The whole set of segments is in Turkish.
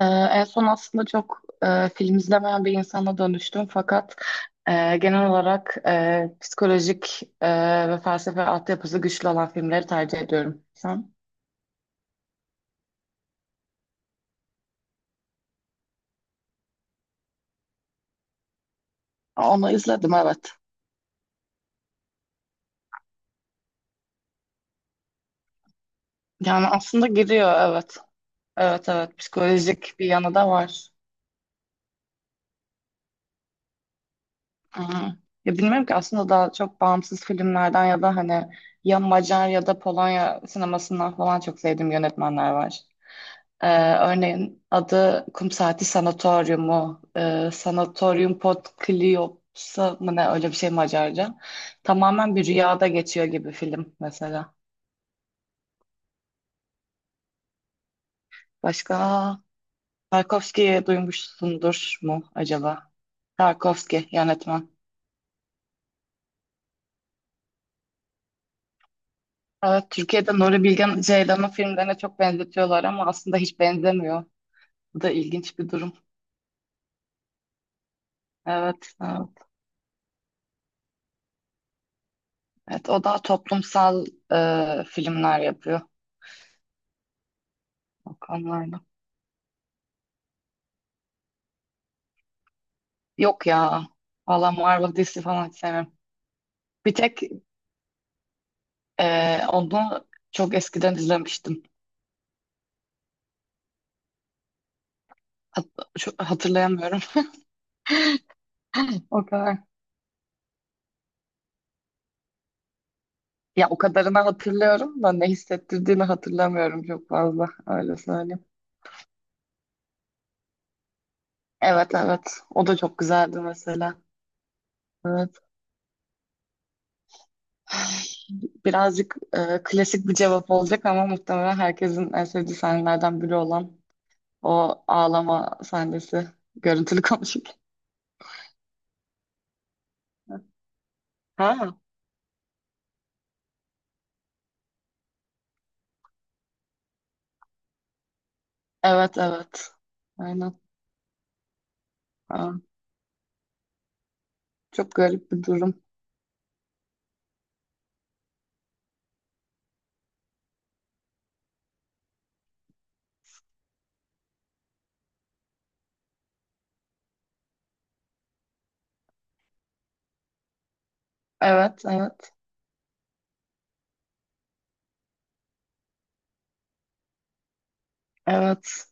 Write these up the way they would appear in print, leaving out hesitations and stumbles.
En son aslında çok film izlemeyen bir insana dönüştüm fakat genel olarak psikolojik ve felsefe altyapısı güçlü olan filmleri tercih ediyorum. Sen? Onu izledim, evet. Yani aslında giriyor, evet. Evet, evet, psikolojik bir yanı da var. Hı hı. Ya bilmiyorum ki, aslında daha çok bağımsız filmlerden ya da hani ya Macar ya da Polonya sinemasından falan çok sevdiğim yönetmenler var. Ee, örneğin adı Kum Saati Sanatoryumu, Sanatorium Potkliopsa mı ne, öyle bir şey Macarca. Tamamen bir rüyada geçiyor gibi film mesela. Başka Tarkovski'yi duymuşsundur mu acaba? Tarkovski yönetmen. Evet, Türkiye'de Nuri Bilge Ceylan'ın filmlerine çok benzetiyorlar ama aslında hiç benzemiyor. Bu da ilginç bir durum. Evet, evet. Evet, o daha toplumsal filmler yapıyor o konularda. Yok ya. Valla Marvel DC falan hiç sevmem. Bir tek onu çok eskiden izlemiştim. Hat hatırlayamıyorum. O kadar. Ya o kadarını hatırlıyorum da ne hissettirdiğini hatırlamıyorum çok fazla. Öyle söyleyeyim. Evet, evet. O da çok güzeldi mesela. Evet. Birazcık klasik bir cevap olacak ama muhtemelen herkesin en sevdiği sahnelerden biri olan o ağlama sahnesi. Görüntülü konuşurken. Ha, evet, evet. Aynen. Çok garip bir durum. Evet, evet, evet.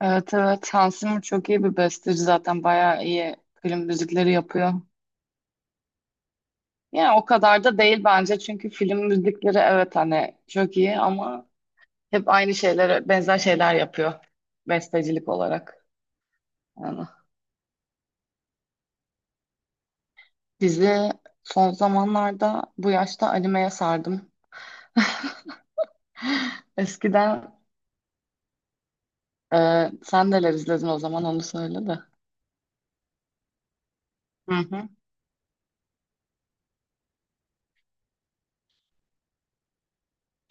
Evet, evet. Hans Zimmer çok iyi bir besteci zaten. Bayağı iyi film müzikleri yapıyor. Yani o kadar da değil bence. Çünkü film müzikleri evet hani çok iyi ama hep aynı şeylere benzer şeyler yapıyor. Bestecilik olarak. Yani dizi son zamanlarda bu yaşta animeye sardım. Eskiden sen neler izledin o zaman, onu söyle de. Hı hı.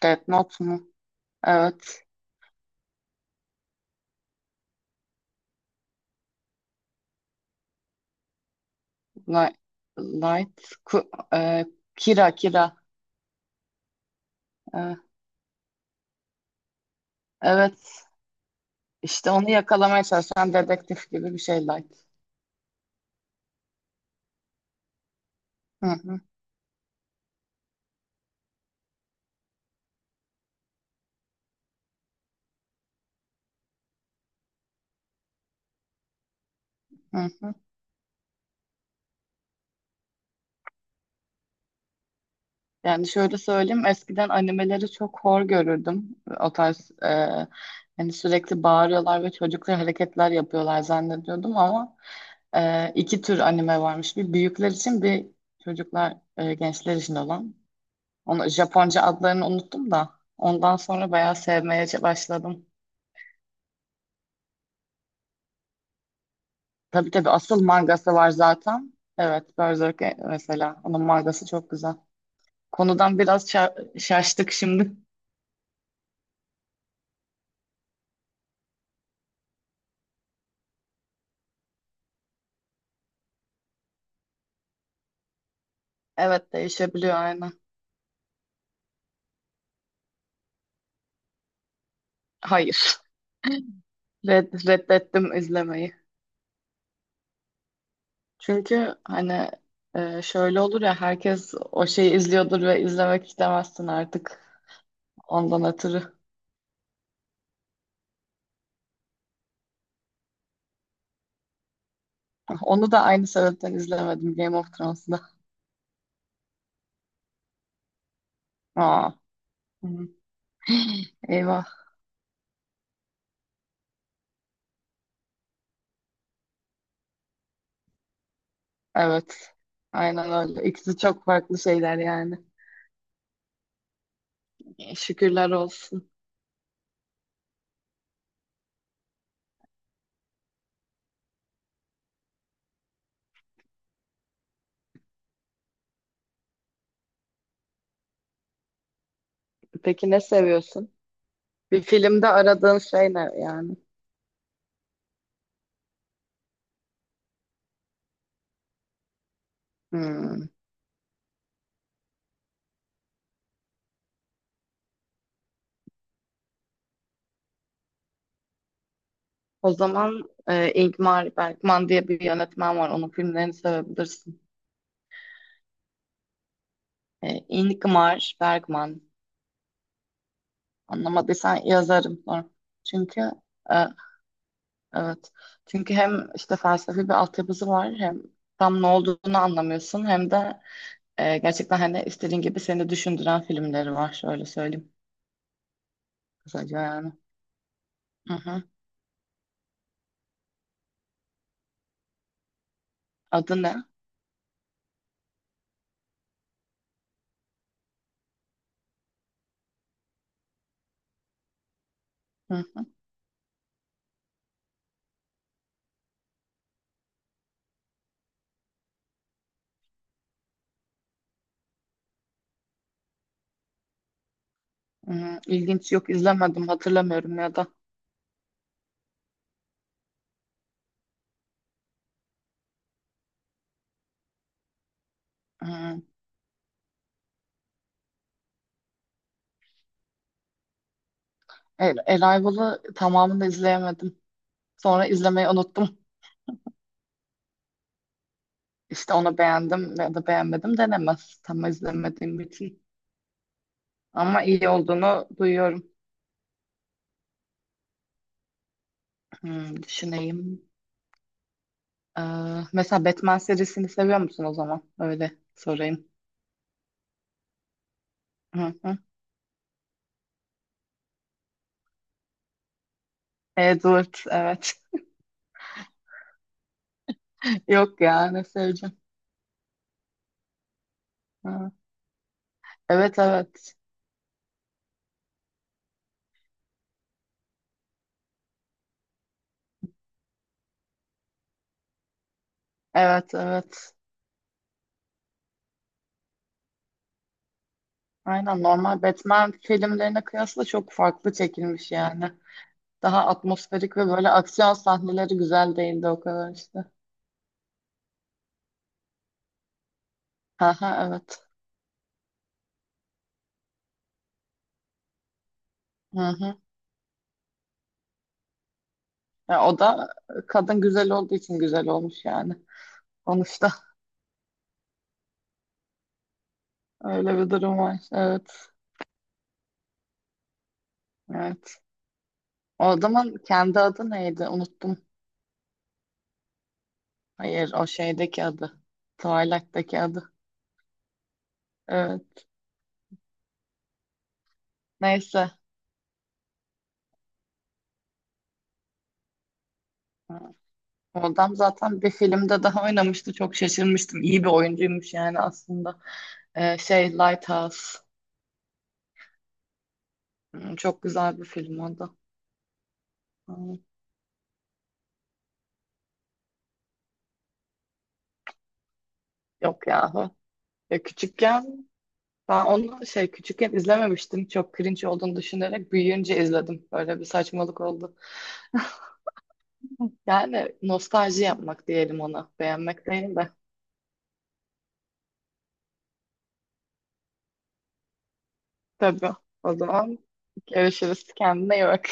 Death Note mu? Evet. Light, light ku- e, Kira Kira. E, evet. İşte onu yakalamaya çalışan dedektif gibi bir şey Light. Hı hı, hı hı. Yani şöyle söyleyeyim, eskiden animeleri çok hor görürdüm. O tarz hani sürekli bağırıyorlar ve çocuklar hareketler yapıyorlar zannediyordum ama iki tür anime varmış. Bir büyükler için, bir çocuklar, gençler için olan. Onu Japonca adlarını unuttum da ondan sonra bayağı sevmeye başladım. Tabii tabii asıl mangası var zaten. Evet Berserk mesela onun mangası çok güzel. Konudan biraz şaştık şimdi. Evet değişebiliyor aynen. Hayır. Reddettim izlemeyi. Çünkü hani şöyle olur ya, herkes o şeyi izliyordur ve izlemek istemezsin artık ondan ötürü. Onu da aynı sebepten izlemedim, Game of Thrones'da. Aa, hı, eyvah. Evet. Aynen öyle. İkisi çok farklı şeyler yani. Şükürler olsun. Peki ne seviyorsun? Bir filmde aradığın şey ne yani? Hmm. O zaman Ingmar Bergman diye bir yönetmen var. Onun filmlerini sevebilirsin. E, Ingmar Bergman. Anlamadıysan yazarım sonra. Çünkü e, evet. Çünkü hem işte felsefi bir altyapısı var, hem tam ne olduğunu anlamıyorsun, hem de gerçekten hani istediğin gibi seni düşündüren filmleri var. Şöyle söyleyeyim, kısaca yani. Hı hı. Adı ne? Hı. Hmm, ilginç, yok izlemedim, hatırlamıyorum ya da. Hmm. Arrival'ı tamamını da izleyemedim. Sonra izlemeyi unuttum. İşte onu beğendim ya da beğenmedim denemez. Tam izlemediğim için. Ama iyi olduğunu duyuyorum. Hmm, düşüneyim. Ee, mesela Batman serisini seviyor musun o zaman? Öyle sorayım. Hı hı. Edward evet. Yok ya, ne seveceğim. Ha. Evet, evet. Evet, evet. Aynen, normal Batman filmlerine kıyasla çok farklı çekilmiş yani. Daha atmosferik ve böyle aksiyon sahneleri güzel değildi o kadar işte. Aha, evet. Hı hı. Ya o da kadın güzel olduğu için güzel olmuş yani. Sonuçta öyle bir durum var. Evet. Evet. O adamın kendi adı neydi? Unuttum. Hayır, o şeydeki adı. Twilight'teki adı. Evet. Neyse. O adam zaten bir filmde daha oynamıştı. Çok şaşırmıştım. İyi bir oyuncuymuş yani aslında. Şey Lighthouse. Hmm, çok güzel bir film o da. Hmm, yok ya. Ya küçükken ben onu şey küçükken izlememiştim. Çok cringe olduğunu düşünerek büyüyünce izledim. Böyle bir saçmalık oldu. Yani nostalji yapmak diyelim ona. Beğenmek değil de. Tabii. O zaman görüşürüz. Kendine iyi bak.